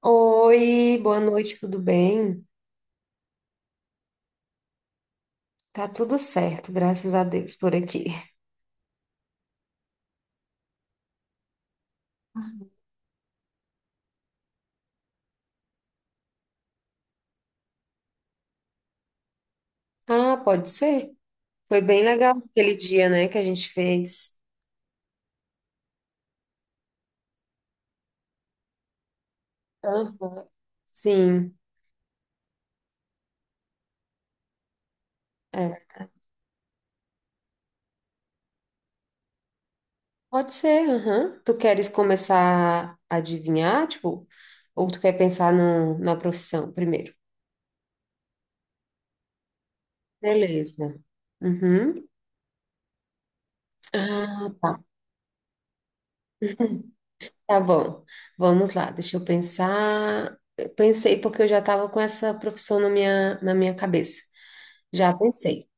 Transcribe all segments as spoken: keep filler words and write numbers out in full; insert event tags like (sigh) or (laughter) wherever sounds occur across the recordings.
Oi, boa noite, tudo bem? Tá tudo certo, graças a Deus por aqui. Ah, pode ser? Foi bem legal aquele dia, né, que a gente fez. Aham. Sim, é. Pode ser, aham. Tu queres começar a adivinhar, tipo, ou tu quer pensar no, na profissão primeiro? Beleza. Uhum. Ah, tá. Tá bom. Vamos lá, deixa eu pensar. Eu pensei porque eu já estava com essa profissão na minha, na minha cabeça. Já pensei.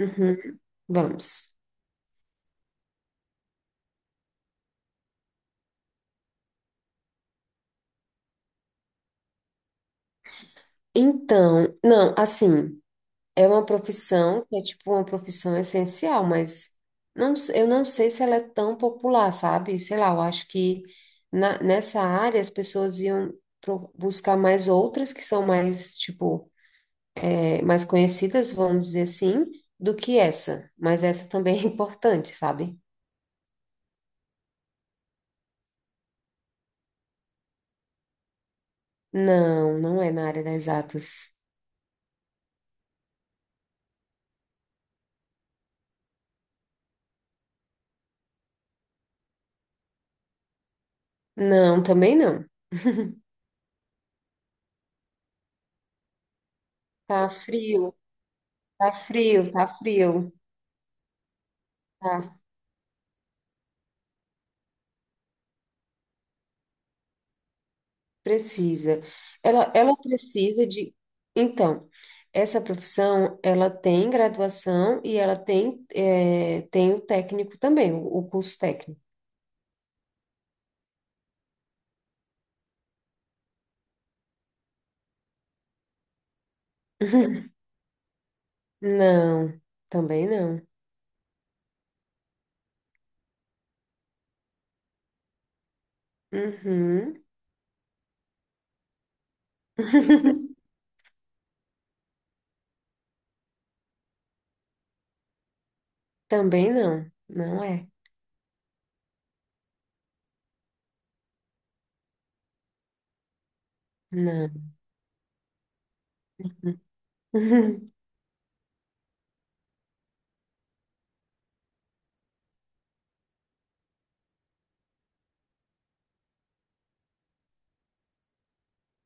Uhum. Vamos. Então, não, assim, é uma profissão que é tipo uma profissão essencial, mas não, s- eu não sei se ela é tão popular, sabe? Sei lá, eu acho que na- nessa área as pessoas iam pro- buscar mais outras que são mais, tipo, é, mais conhecidas, vamos dizer assim, do que essa. Mas essa também é (laughs) importante, sabe? Não, não é na área das exatas. Não, também não. (laughs) Tá frio. Tá frio, tá frio, tá. Precisa. Ela, ela precisa de. Então, essa profissão, ela tem graduação e ela tem, é, tem o técnico também, o, o curso técnico. Não, também não. Uhum. (laughs) Também não, não é. Não. (laughs)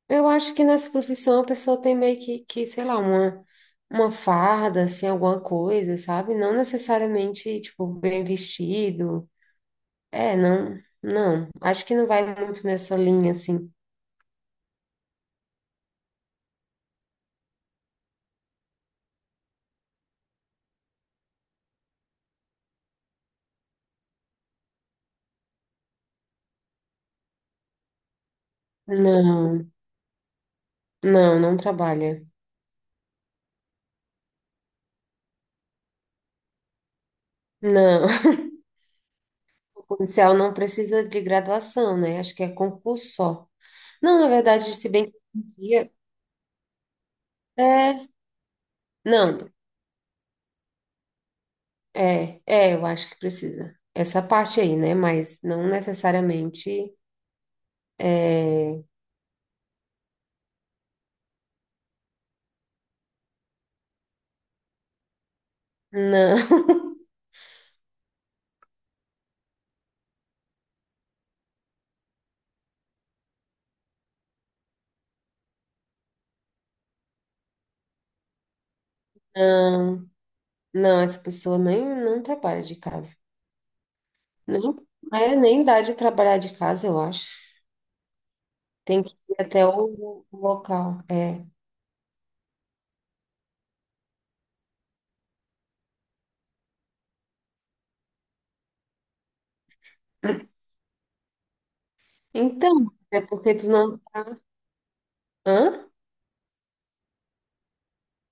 Eu acho que nessa profissão a pessoa tem meio que, que sei lá, uma, uma farda, assim, alguma coisa, sabe? Não necessariamente, tipo, bem vestido. É, não, não. Acho que não vai muito nessa linha, assim. Não, não, não trabalha. Não. (laughs) O policial não precisa de graduação, né? Acho que é concurso só. Não, na verdade, se bem que hoje em dia- é, não, é, é, eu acho que precisa. Essa parte aí, né? Mas não necessariamente. é, Não, (laughs) não, não, essa pessoa nem não trabalha de casa. Nem, é, nem dá de trabalhar de casa, eu acho. Tem que ir até o o local. É. Então, é porque tu não tá. Hã?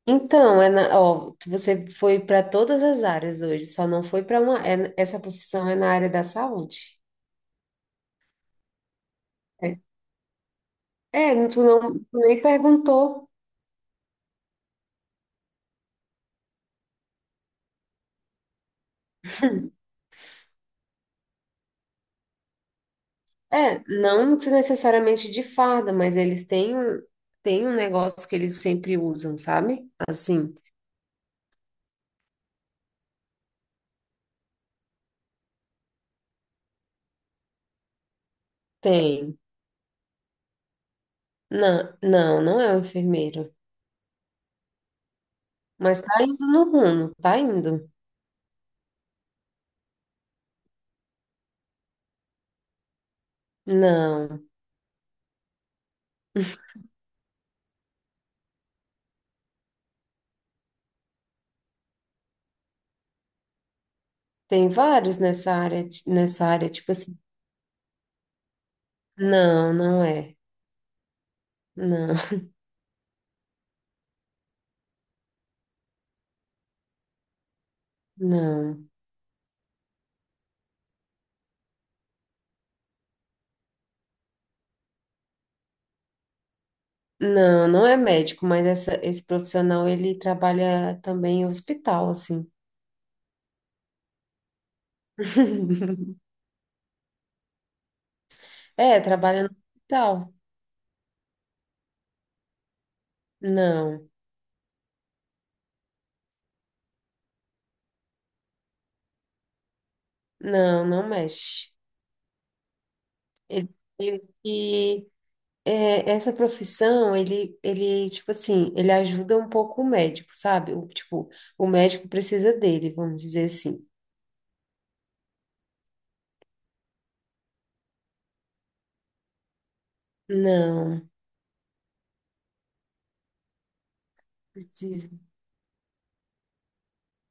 Então, é na... ó, tu- você foi para todas as áreas hoje, só não foi para uma. é- essa profissão é na área da saúde. É, é, tu não tu nem perguntou. É, não se necessariamente de farda, mas eles têm um, têm um negócio que eles sempre usam, sabe? Assim, tem. Não, não, não é um enfermeiro. Mas tá indo no rumo, tá indo. Não, tem vários nessa área, ti- nessa área, tipo assim. Não, não é. Não, (laughs) não. Não, não é médico, mas essa, esse profissional ele trabalha também em hospital, assim. (laughs) É, trabalha no hospital. Não, não, não mexe. Ele, ele, e, é, Essa profissão, ele, ele, tipo assim, ele ajuda um pouco o médico, sabe? O, tipo, o médico precisa dele, vamos dizer assim. Não, precisa.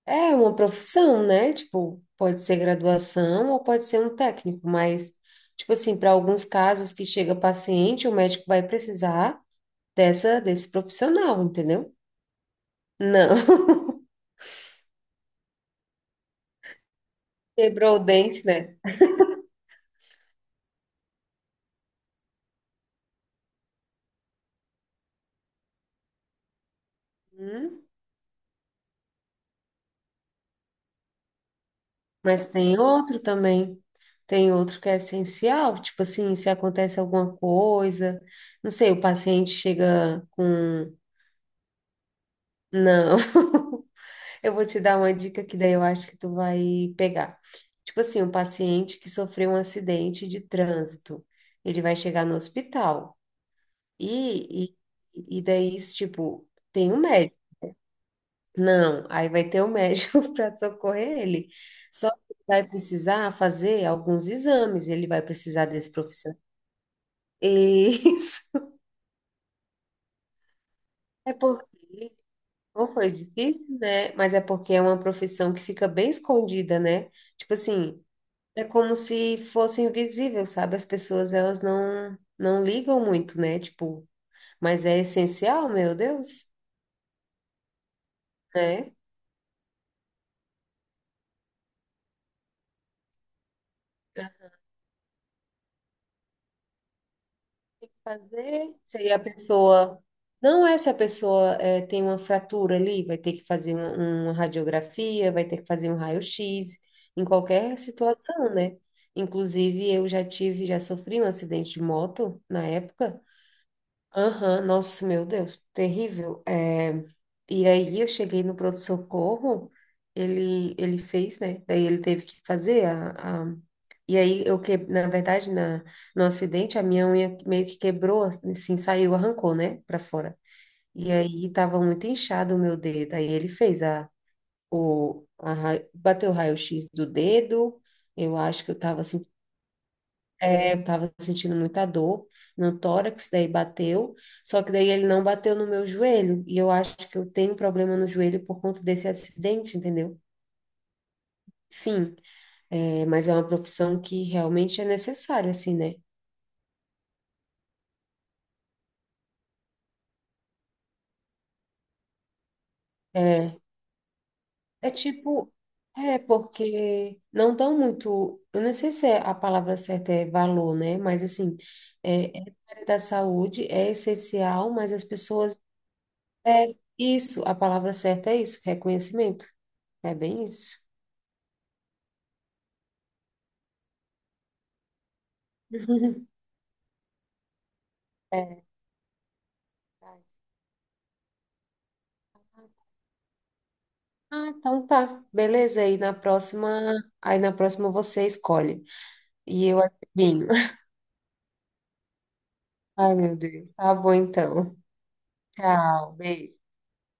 É uma profissão, né? Tipo, pode ser graduação ou pode ser um técnico, mas, tipo assim, para alguns casos que chega paciente, o médico vai precisar dessa, desse profissional, entendeu? Não. (laughs) Quebrou o dente, né? Hum, Mas tem outro também. Tem outro que é essencial, tipo assim, se acontece alguma coisa, não sei, o paciente chega com. Não. (laughs) Eu vou te dar uma dica que daí eu acho que tu vai pegar. Tipo assim, um paciente que sofreu um acidente de trânsito, ele vai chegar no hospital e, e, e daí, tipo, tem um médico. Não, aí vai ter um médico (laughs) para socorrer ele. Só que vai precisar fazer alguns exames, ele vai precisar desse profissional. (laughs) Isso. É porque não foi difícil, né? Mas é porque é uma profissão que fica bem escondida, né? Tipo assim, é como se fosse invisível, sabe? As pessoas, elas não, não ligam muito, né? Tipo, mas é essencial, meu Deus, né? Ela Tem que fazer. Se aí a pessoa... Não é se a pessoa é, tem uma fratura ali, vai ter que fazer um- uma radiografia, vai ter que fazer um raio-x, em qualquer situação, né? Inclusive, eu já tive, já sofri um acidente de moto na época. Aham, nossa, meu Deus, terrível. É, e aí eu cheguei no pronto-socorro, ele, ele fez, né? Daí ele teve que fazer a, a- E aí eu que, na verdade, na, no acidente, a minha unha meio que quebrou, assim, saiu, arrancou, né? Pra fora. E aí tava muito inchado o meu dedo. Aí ele fez a, o, a, ra- bateu o raio-x do dedo. Eu acho que eu tava assim. Eu tava sentindo muita dor no tórax, daí bateu, só que daí ele não bateu no meu joelho, e eu acho que eu tenho problema no joelho por conta desse acidente, entendeu? Enfim, é, mas é uma profissão que realmente é necessária, assim, né? É, é tipo, é porque não dão muito, eu não sei se é a palavra certa é valor, né? Mas assim, é, é da área da saúde, é essencial, mas as pessoas, é isso, a palavra certa é isso, reconhecimento, é bem isso. É. Ah, então tá. Beleza, aí na próxima, aí na próxima você escolhe. E eu adivinho. (laughs) Ai, meu Deus. Tá bom então. Tchau, beijo.